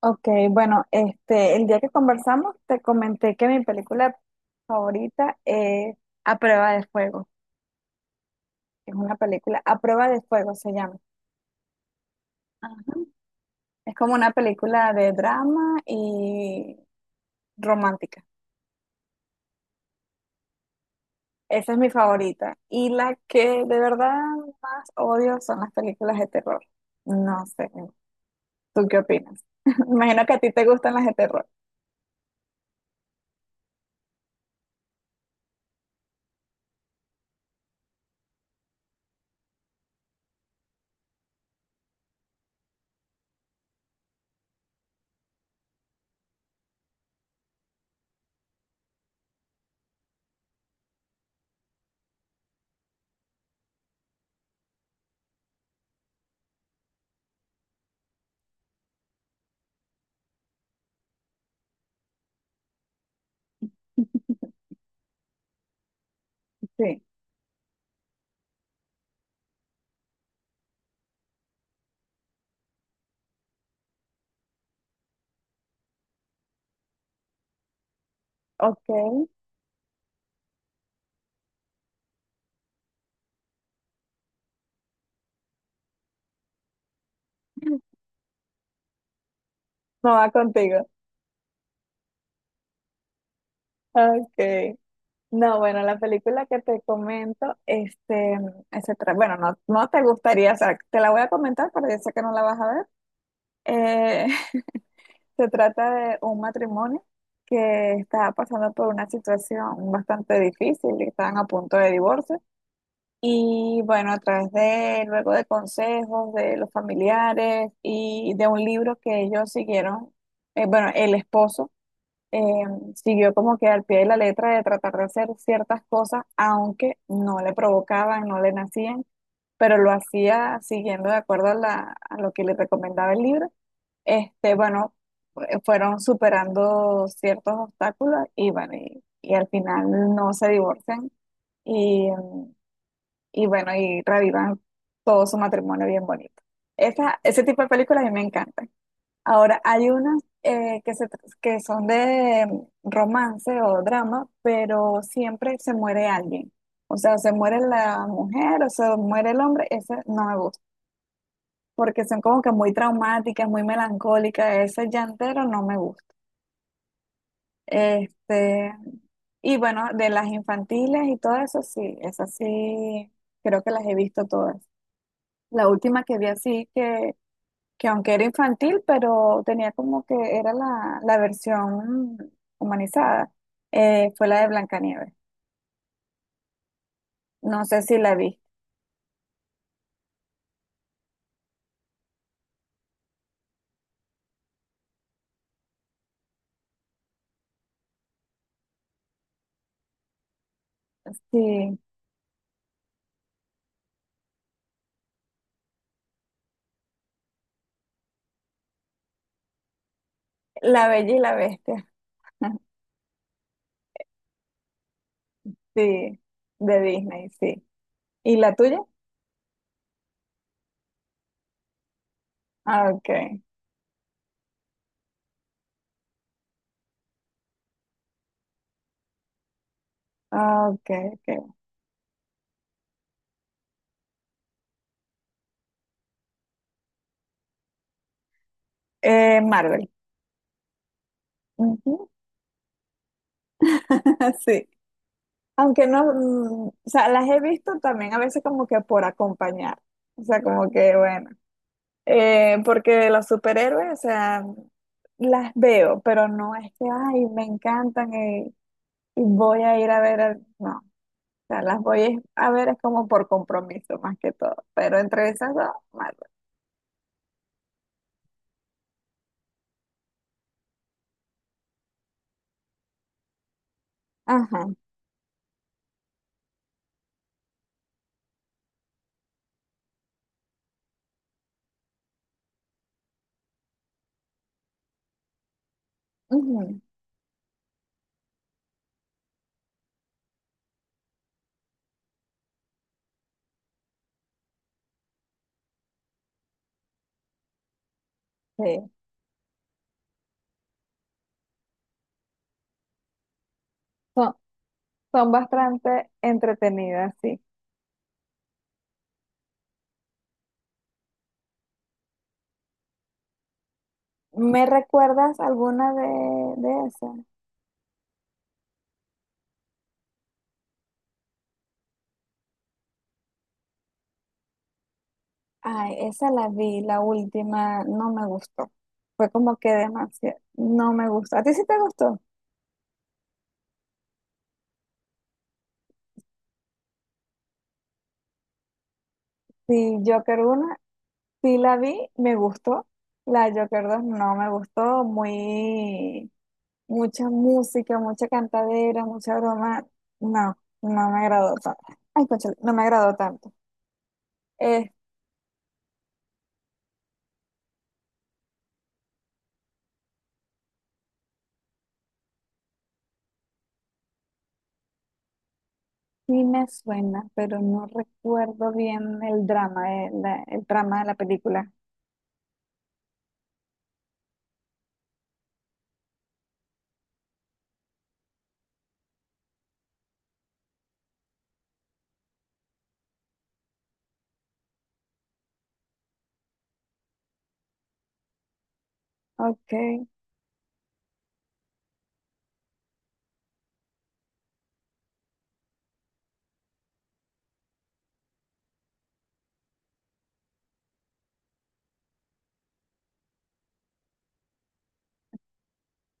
Ok, bueno, el día que conversamos te comenté que mi película favorita es A Prueba de Fuego. Es una película, A Prueba de Fuego se llama. Ajá. Es como una película de drama y romántica. Esa es mi favorita. Y la que de verdad más odio son las películas de terror. No sé, ¿tú qué opinas? Imagino que a ti te gustan las de terror. Sí, ok, no va contigo. Okay. No, bueno, la película que te comento, bueno, no, no te gustaría, o sea, te la voy a comentar, pero yo sé que no la vas a ver. Eh, se trata de un matrimonio que está pasando por una situación bastante difícil, y están a punto de divorcio. Y bueno, a través de, luego de consejos de los familiares y de un libro que ellos siguieron, bueno, el esposo eh, siguió como que al pie de la letra de tratar de hacer ciertas cosas, aunque no le provocaban, no le nacían, pero lo hacía siguiendo de acuerdo a, a lo que le recomendaba el libro. Bueno, fueron superando ciertos obstáculos y bueno, y al final no se divorcian y, y bueno, y revivan todo su matrimonio bien bonito. Esa, ese tipo de películas a mí me encantan. Ahora, hay unas que son de romance o drama, pero siempre se muere alguien. O sea, se muere la mujer o se muere el hombre, ese no me gusta, porque son como que muy traumáticas, muy melancólicas, ese llantero no me gusta. Este, y bueno, de las infantiles y todo eso, sí, esas sí, creo que las he visto todas. La última que vi así que aunque era infantil, pero tenía como que era la versión humanizada, fue la de Blancanieves. No sé si la viste. Sí, La Bella y la Bestia. Sí, de Disney, sí. ¿Y la tuya? Ah, ok, ah, ok, ok. Marvel. Ujú. Sí. Aunque no, mm, o sea, las he visto también a veces como que por acompañar. O sea, como que, bueno. Porque los superhéroes, o sea, las veo, pero no es que, ay, me encantan y, voy a ir a ver, al-". No, o sea, a ver es como por compromiso más que todo, pero entre esas dos, Marvel. Ajá, ujú, sí, son, son bastante entretenidas, sí. ¿Me recuerdas alguna de esas? Ay, esa la vi, la última, no me gustó. Fue como que demasiado, no me gustó. ¿A ti sí te gustó? Sí, Joker 1 sí la vi, me gustó. La de Joker 2 no me gustó, muy mucha música, mucha cantadera, mucha broma. No, no me agradó tanto. Ay, cónchale, no me agradó tanto. Eh, sí me suena, pero no recuerdo bien el drama, el drama de la película. Okay,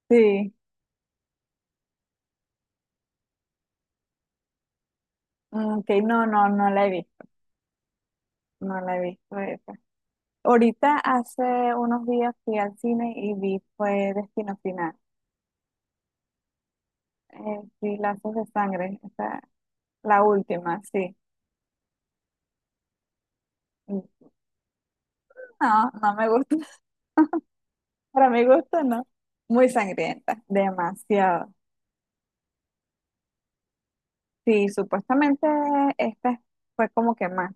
sí. Ok, no, no, no la vi, no la vi. Fue esa. Ahorita hace unos días fui al cine y vi fue Destino Final. Sí, lazos de sangre. La última, sí. No, no me gusta. Para mi gusto, no. Muy sangrienta, demasiado. Sí, supuestamente esta fue como que más,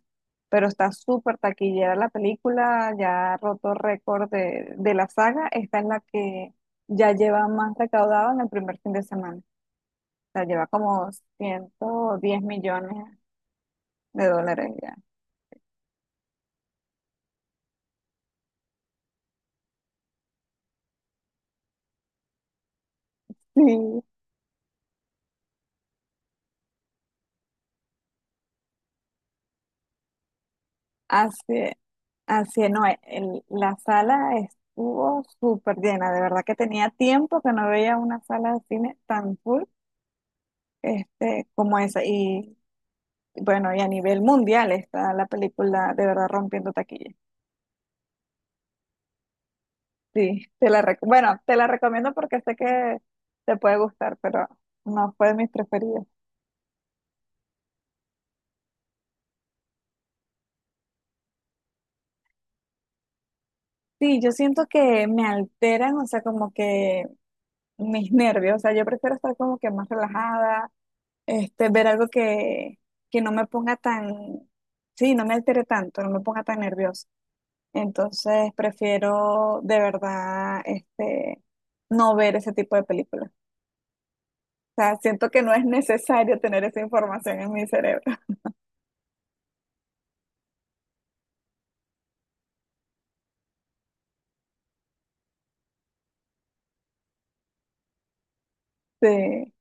pero está súper taquillera la película, ya ha roto récord de la saga. Esta es la que ya lleva más recaudado en el primer fin de semana. O sea, lleva como 110 millones de dólares ya. Sí. Hace, no, la sala estuvo súper llena, de verdad que tenía tiempo que no veía una sala de cine tan full como esa. Y bueno, y a nivel mundial está la película de verdad rompiendo taquilla. Sí, bueno, te la recomiendo porque sé que te puede gustar, pero no fue de mis preferidas. Sí, yo siento que me alteran, o sea, como que mis nervios, o sea, yo prefiero estar como que más relajada, ver algo que no me ponga tan, sí, no me altere tanto, no me ponga tan nerviosa. Entonces prefiero de verdad no ver ese tipo de películas. O sea, siento que no es necesario tener esa información en mi cerebro. Sí,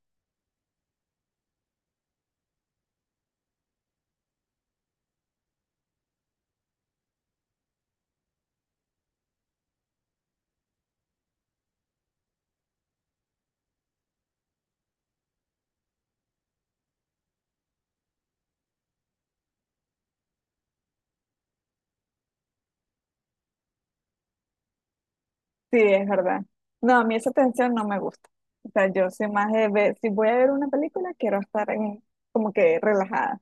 sí, es verdad. No, a mí esa tensión no me gusta. O sea, yo soy más de ver, si voy a ver una película, quiero estar en- como que relajada.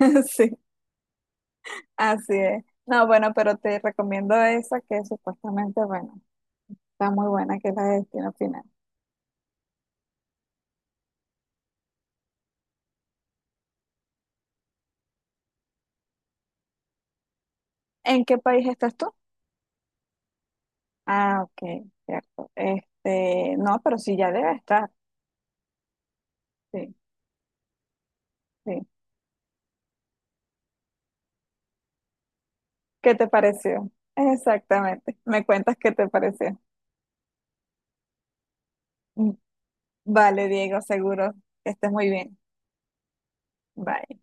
Sí, así es. No, bueno, pero te recomiendo esa que supuestamente, bueno. Está muy buena que es la de Destino Final. ¿En qué país estás tú? Ah, ok, cierto. No, pero sí ya debe estar. Sí, sí. ¿Qué te pareció? Exactamente. Me cuentas qué te pareció. Mm, vale, Diego, seguro que estés muy bien. Bye.